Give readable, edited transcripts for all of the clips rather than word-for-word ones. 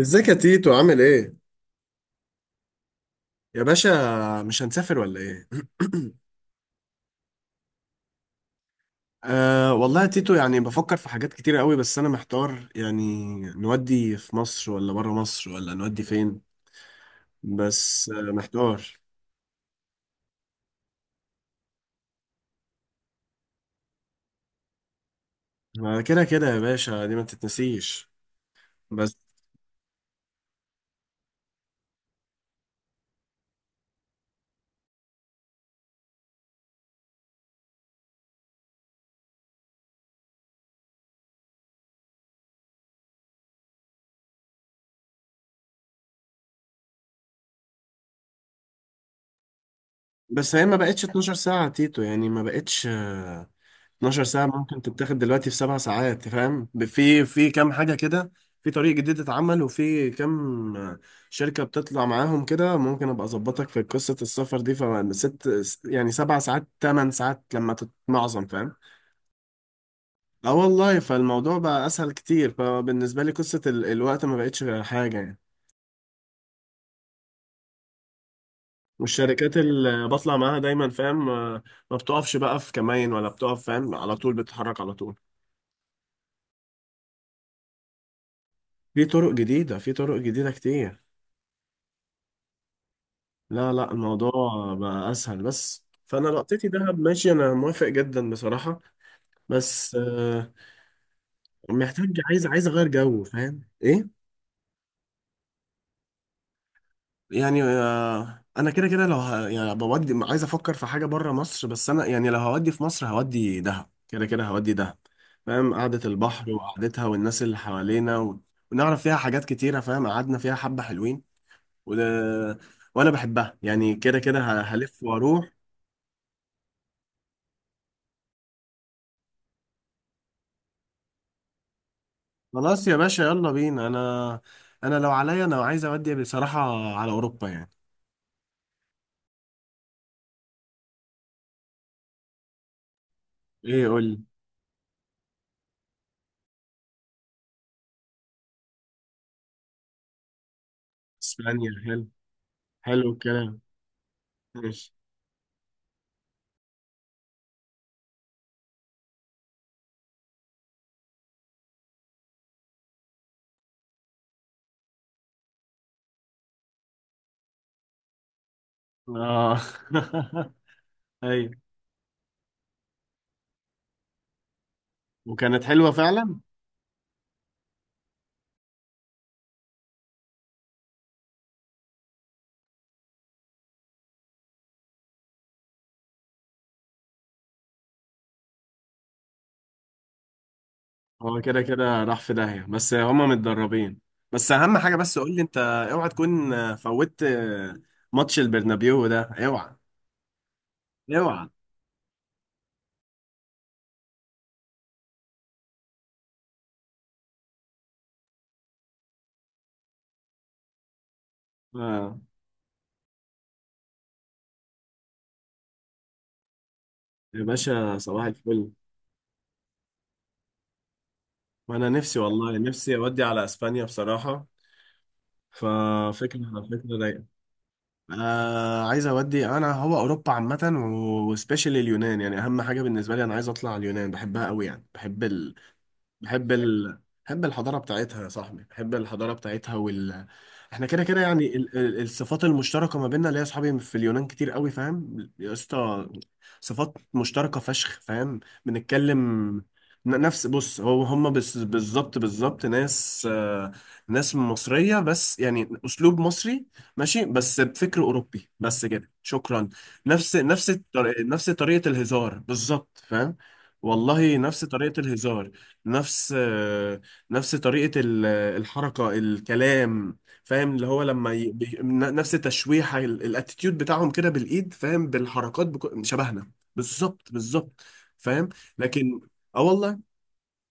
ازيك يا تيتو، عامل ايه؟ يا باشا، مش هنسافر ولا ايه؟ آه والله يا تيتو، يعني بفكر في حاجات كتير قوي، بس انا محتار يعني. نودي في مصر، ولا بره مصر، ولا نودي فين؟ بس محتار. ما كده كده يا باشا، دي ما تتنسيش. بس بس هي ما بقتش 12 ساعة يا تيتو، يعني ما بقتش 12 ساعة. ممكن تتاخد دلوقتي في 7 ساعات، فاهم؟ في كام حاجة كده. في طريق جديد اتعمل، وفي كام شركة بتطلع معاهم كده، ممكن ابقى اظبطك في قصة السفر دي فست. يعني سبع ساعات، 8 ساعات لما تتمعظم، فاهم؟ اه والله، فالموضوع بقى اسهل كتير. فبالنسبة لي، قصة الوقت ما بقتش حاجة يعني. والشركات اللي بطلع معاها دايما، فاهم، ما بتقفش بقى في كمين، ولا بتقف، فاهم، على طول بتتحرك على طول. في طرق جديدة، في طرق جديدة كتير. لا لا، الموضوع بقى اسهل بس. فانا لقطتي دهب، ماشي، انا موافق جدا بصراحه. بس محتاج، عايز اغير جو، فاهم ايه؟ يعني انا كده كده لو يعني بودي، عايز افكر في حاجه بره مصر. بس انا يعني لو هودي في مصر هودي دهب، كده كده هودي دهب. فاهم؟ قعده البحر وقعدتها، والناس اللي حوالينا، ونعرف فيها حاجات كتيره، فاهم، قعدنا فيها حبه حلوين، و... وانا بحبها يعني، كده كده هلف واروح. خلاص يا باشا، يلا بينا. انا لو عليا، انا عايز اودي بصراحة على اوروبا يعني. ايه، قول لي. اسبانيا حلو، حلو الكلام، ماشي. اه. ايوه، وكانت حلوة فعلا. هو كده كده راح في داهية، بس هما متدربين. بس اهم حاجة، بس قول لي انت، اوعى تكون فوتت ماتش البرنابيو ده، اوعى، اوعى. آه. يا باشا، صباح الفل. ما انا نفسي، والله نفسي اودي على اسبانيا بصراحة. ففكرة فكرة رايقة. عايز اودي، انا هو اوروبا عامه، وسبيشال اليونان. يعني اهم حاجه بالنسبه لي، انا عايز اطلع اليونان، بحبها قوي يعني. بحب ال... بحب الحضارة بتاعتها يا صاحبي، بحب الحضارة بتاعتها احنا كده كده يعني الصفات المشتركة ما بيننا، اللي هي اصحابي في اليونان كتير قوي، فاهم يا اسطى؟ صفات مشتركة فشخ، فاهم، بنتكلم نفس، بص هو هم بس بالظبط بالظبط، ناس، ناس مصرية، بس يعني أسلوب مصري ماشي، بس بفكر أوروبي بس، كده شكرا. نفس طريقة الهزار بالظبط، فاهم؟ والله، نفس طريقة الهزار، نفس نفس طريقة الحركة، الكلام، فاهم؟ اللي هو لما نفس التشويحة، الاتيتيود بتاعهم كده بالإيد، فاهم، بالحركات، شبهنا بالظبط بالظبط، فاهم؟ لكن، اه والله،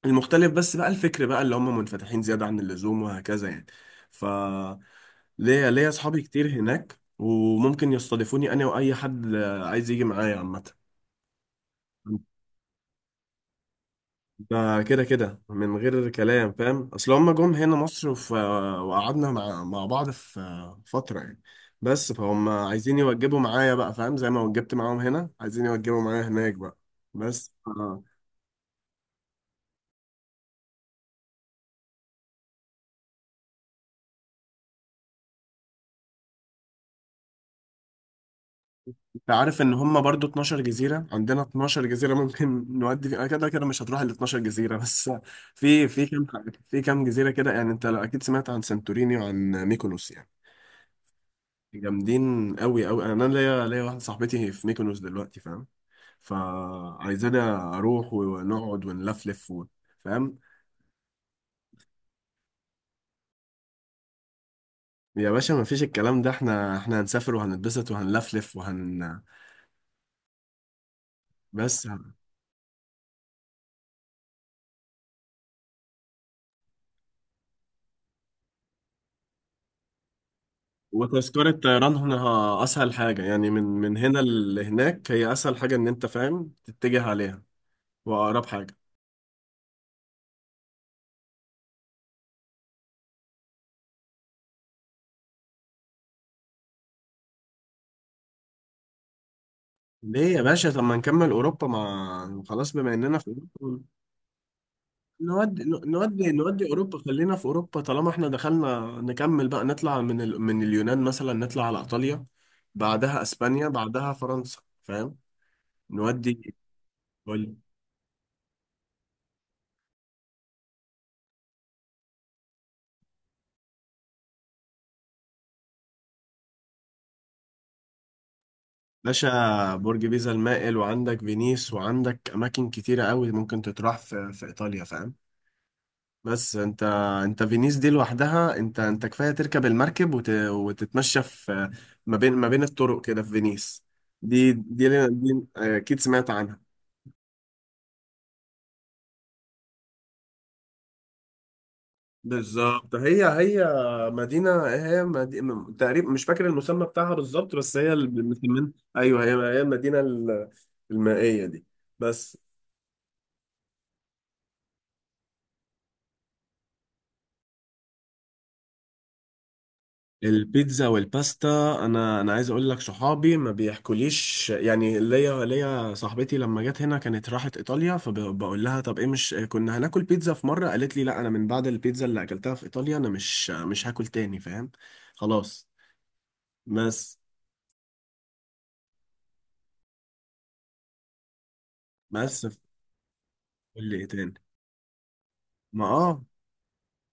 المختلف بس بقى الفكر بقى، اللي هم منفتحين زيادة عن اللزوم وهكذا يعني. ف ليا أصحابي كتير هناك، وممكن يستضيفوني أنا وأي حد عايز يجي معايا عامة. ده كده كده من غير كلام، فاهم، اصل هما جم هنا مصر، وقعدنا مع بعض في فترة يعني. بس فهم عايزين يوجبوا معايا بقى، فاهم، زي ما وجبت معاهم هنا، عايزين يوجبوا معايا هناك بقى. بس انت عارف ان هما برضو 12 جزيرة، عندنا 12 جزيرة، ممكن نودي فيها كده كده، مش هتروح ال 12 جزيرة بس. في في كام في كام جزيرة كده يعني. انت لو اكيد سمعت عن سانتوريني وعن ميكونوس يعني، جامدين قوي قوي. انا ليا واحدة صاحبتي في ميكونوس دلوقتي، فاهم، فعايزانا اروح ونقعد ونلفلف فاهم؟ يا باشا، ما فيش الكلام ده، احنا هنسافر وهنتبسط وهنلفلف بس، وتذكرة طيران هنا اسهل حاجة يعني، من هنا لهناك، هي اسهل حاجة ان انت، فاهم، تتجه عليها، واقرب حاجة. ليه يا باشا؟ طب ما نكمل اوروبا، ما خلاص بما اننا في اوروبا، نودي اوروبا، خلينا في اوروبا. طالما احنا دخلنا نكمل بقى، نطلع من اليونان مثلا، نطلع على ايطاليا، بعدها اسبانيا، بعدها فرنسا، فاهم؟ نودي، قول. باشا، برج بيزا المائل، وعندك فينيس، وعندك اماكن كتيره قوي ممكن تتراح في في ايطاليا، فاهم؟ بس انت فينيس دي لوحدها، انت كفايه تركب المركب، وتتمشى في ما بين الطرق كده في فينيس، دي اكيد سمعت عنها. بالظبط، هي مدينة، هي مدينة تقريبا، مش فاكر المسمى بتاعها بالظبط، بس هي المسمين، أيوه، هي المدينة المائية دي. بس البيتزا والباستا، انا عايز اقول لك، صحابي ما بيحكوليش يعني. ليا صاحبتي لما جت هنا كانت راحت ايطاليا، فبقول لها طب ايه، مش كنا هناكل بيتزا؟ في مره قالت لي، لا، انا من بعد البيتزا اللي اكلتها في ايطاليا، انا مش هاكل تاني، فاهم؟ خلاص. بس بس قول لي ايه تاني. ما اه،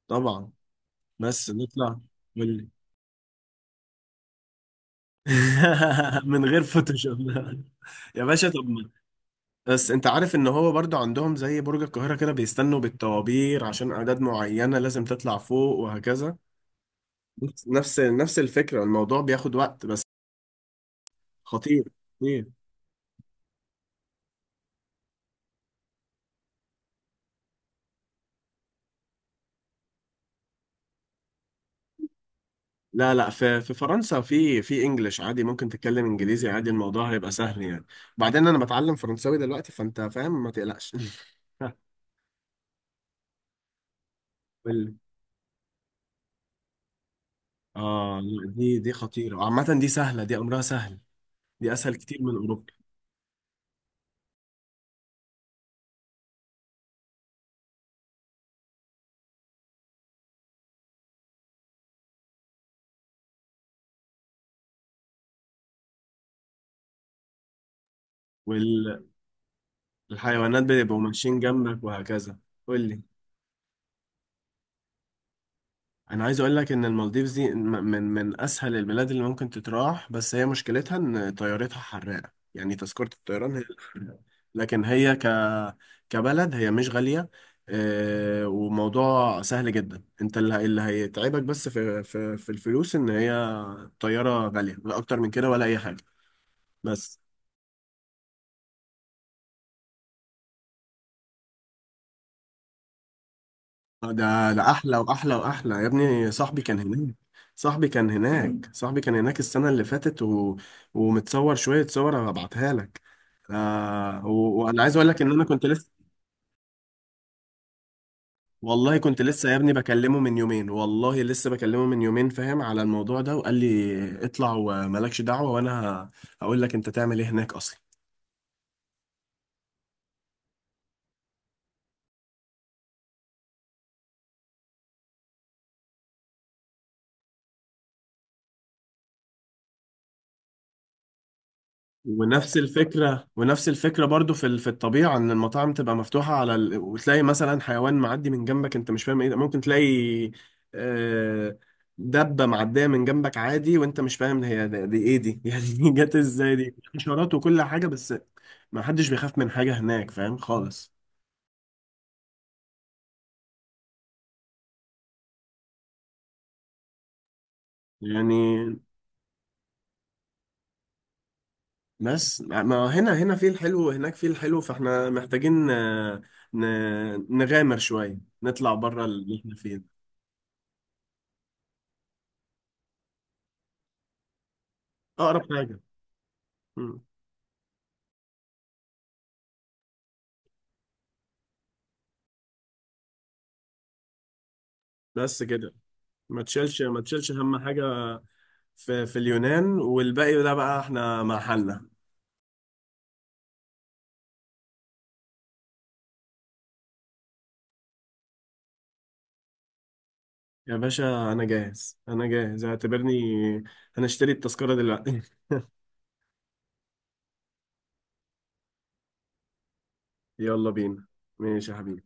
طبعا، بس نطلع من من غير فوتوشوب. يا باشا، طب بس انت عارف ان هو برضو عندهم زي برج القاهرة كده، بيستنوا بالطوابير عشان اعداد معينة لازم تطلع فوق وهكذا. نفس الفكرة، الموضوع بياخد وقت بس. خطير، خطير. لا لا، في في فرنسا، في انجلش عادي، ممكن تتكلم انجليزي عادي، الموضوع هيبقى سهل يعني. بعدين انا بتعلم فرنساوي دلوقتي، فانت فاهم، ما تقلقش. قول لي. اه، لا، دي خطيرة عامة، دي سهلة، دي امرها سهل. دي اسهل كتير من اوروبا. والحيوانات بيبقوا ماشيين جنبك وهكذا. قول لي. انا عايز اقول لك ان المالديفز دي من اسهل البلاد اللي ممكن تتراح، بس هي مشكلتها ان طيارتها حراقه يعني. تذكره الطيران هي اللي حراقه، لكن هي كبلد، هي مش غاليه. وموضوع سهل جدا، انت اللي هيتعبك بس في في الفلوس، ان هي طياره غاليه، لا اكتر من كده ولا اي حاجه بس. ده احلى، واحلى، واحلى يا ابني. صاحبي كان هناك السنة اللي فاتت، ومتصور شوية صور هبعتها لك. آه و... وانا عايز اقول لك، ان انا كنت لسه، والله كنت لسه يا ابني بكلمه من يومين، والله لسه بكلمه من يومين، فاهم، على الموضوع ده، وقال لي اطلع ومالكش دعوة. وانا هقول لك انت تعمل ايه هناك اصلا. ونفس الفكرة، ونفس الفكرة برضو في في الطبيعة، ان المطاعم تبقى مفتوحة على وتلاقي مثلا حيوان معدي من جنبك، انت مش فاهم ايه ده. ممكن تلاقي آه، دبة معدية من جنبك عادي، وانت مش فاهم هي دي، دي ايه دي؟ يعني دي جت ازاي؟ دي حشرات وكل حاجة، بس ما حدش بيخاف من حاجة هناك، فاهم خالص؟ يعني بس، ما هنا فيه الحلو، وهناك فيه الحلو. فاحنا محتاجين نغامر شوية، نطلع بره اللي احنا فيه ده. اقرب حاجة. بس كده، ما تشيلش ما تشيلش هم حاجة في اليونان، والباقي ده بقى احنا مع حالنا. يا باشا، انا جاهز، انا جاهز، اعتبرني هنشتري التذكرة دلوقتي. يلا بينا. ماشي يا حبيبي.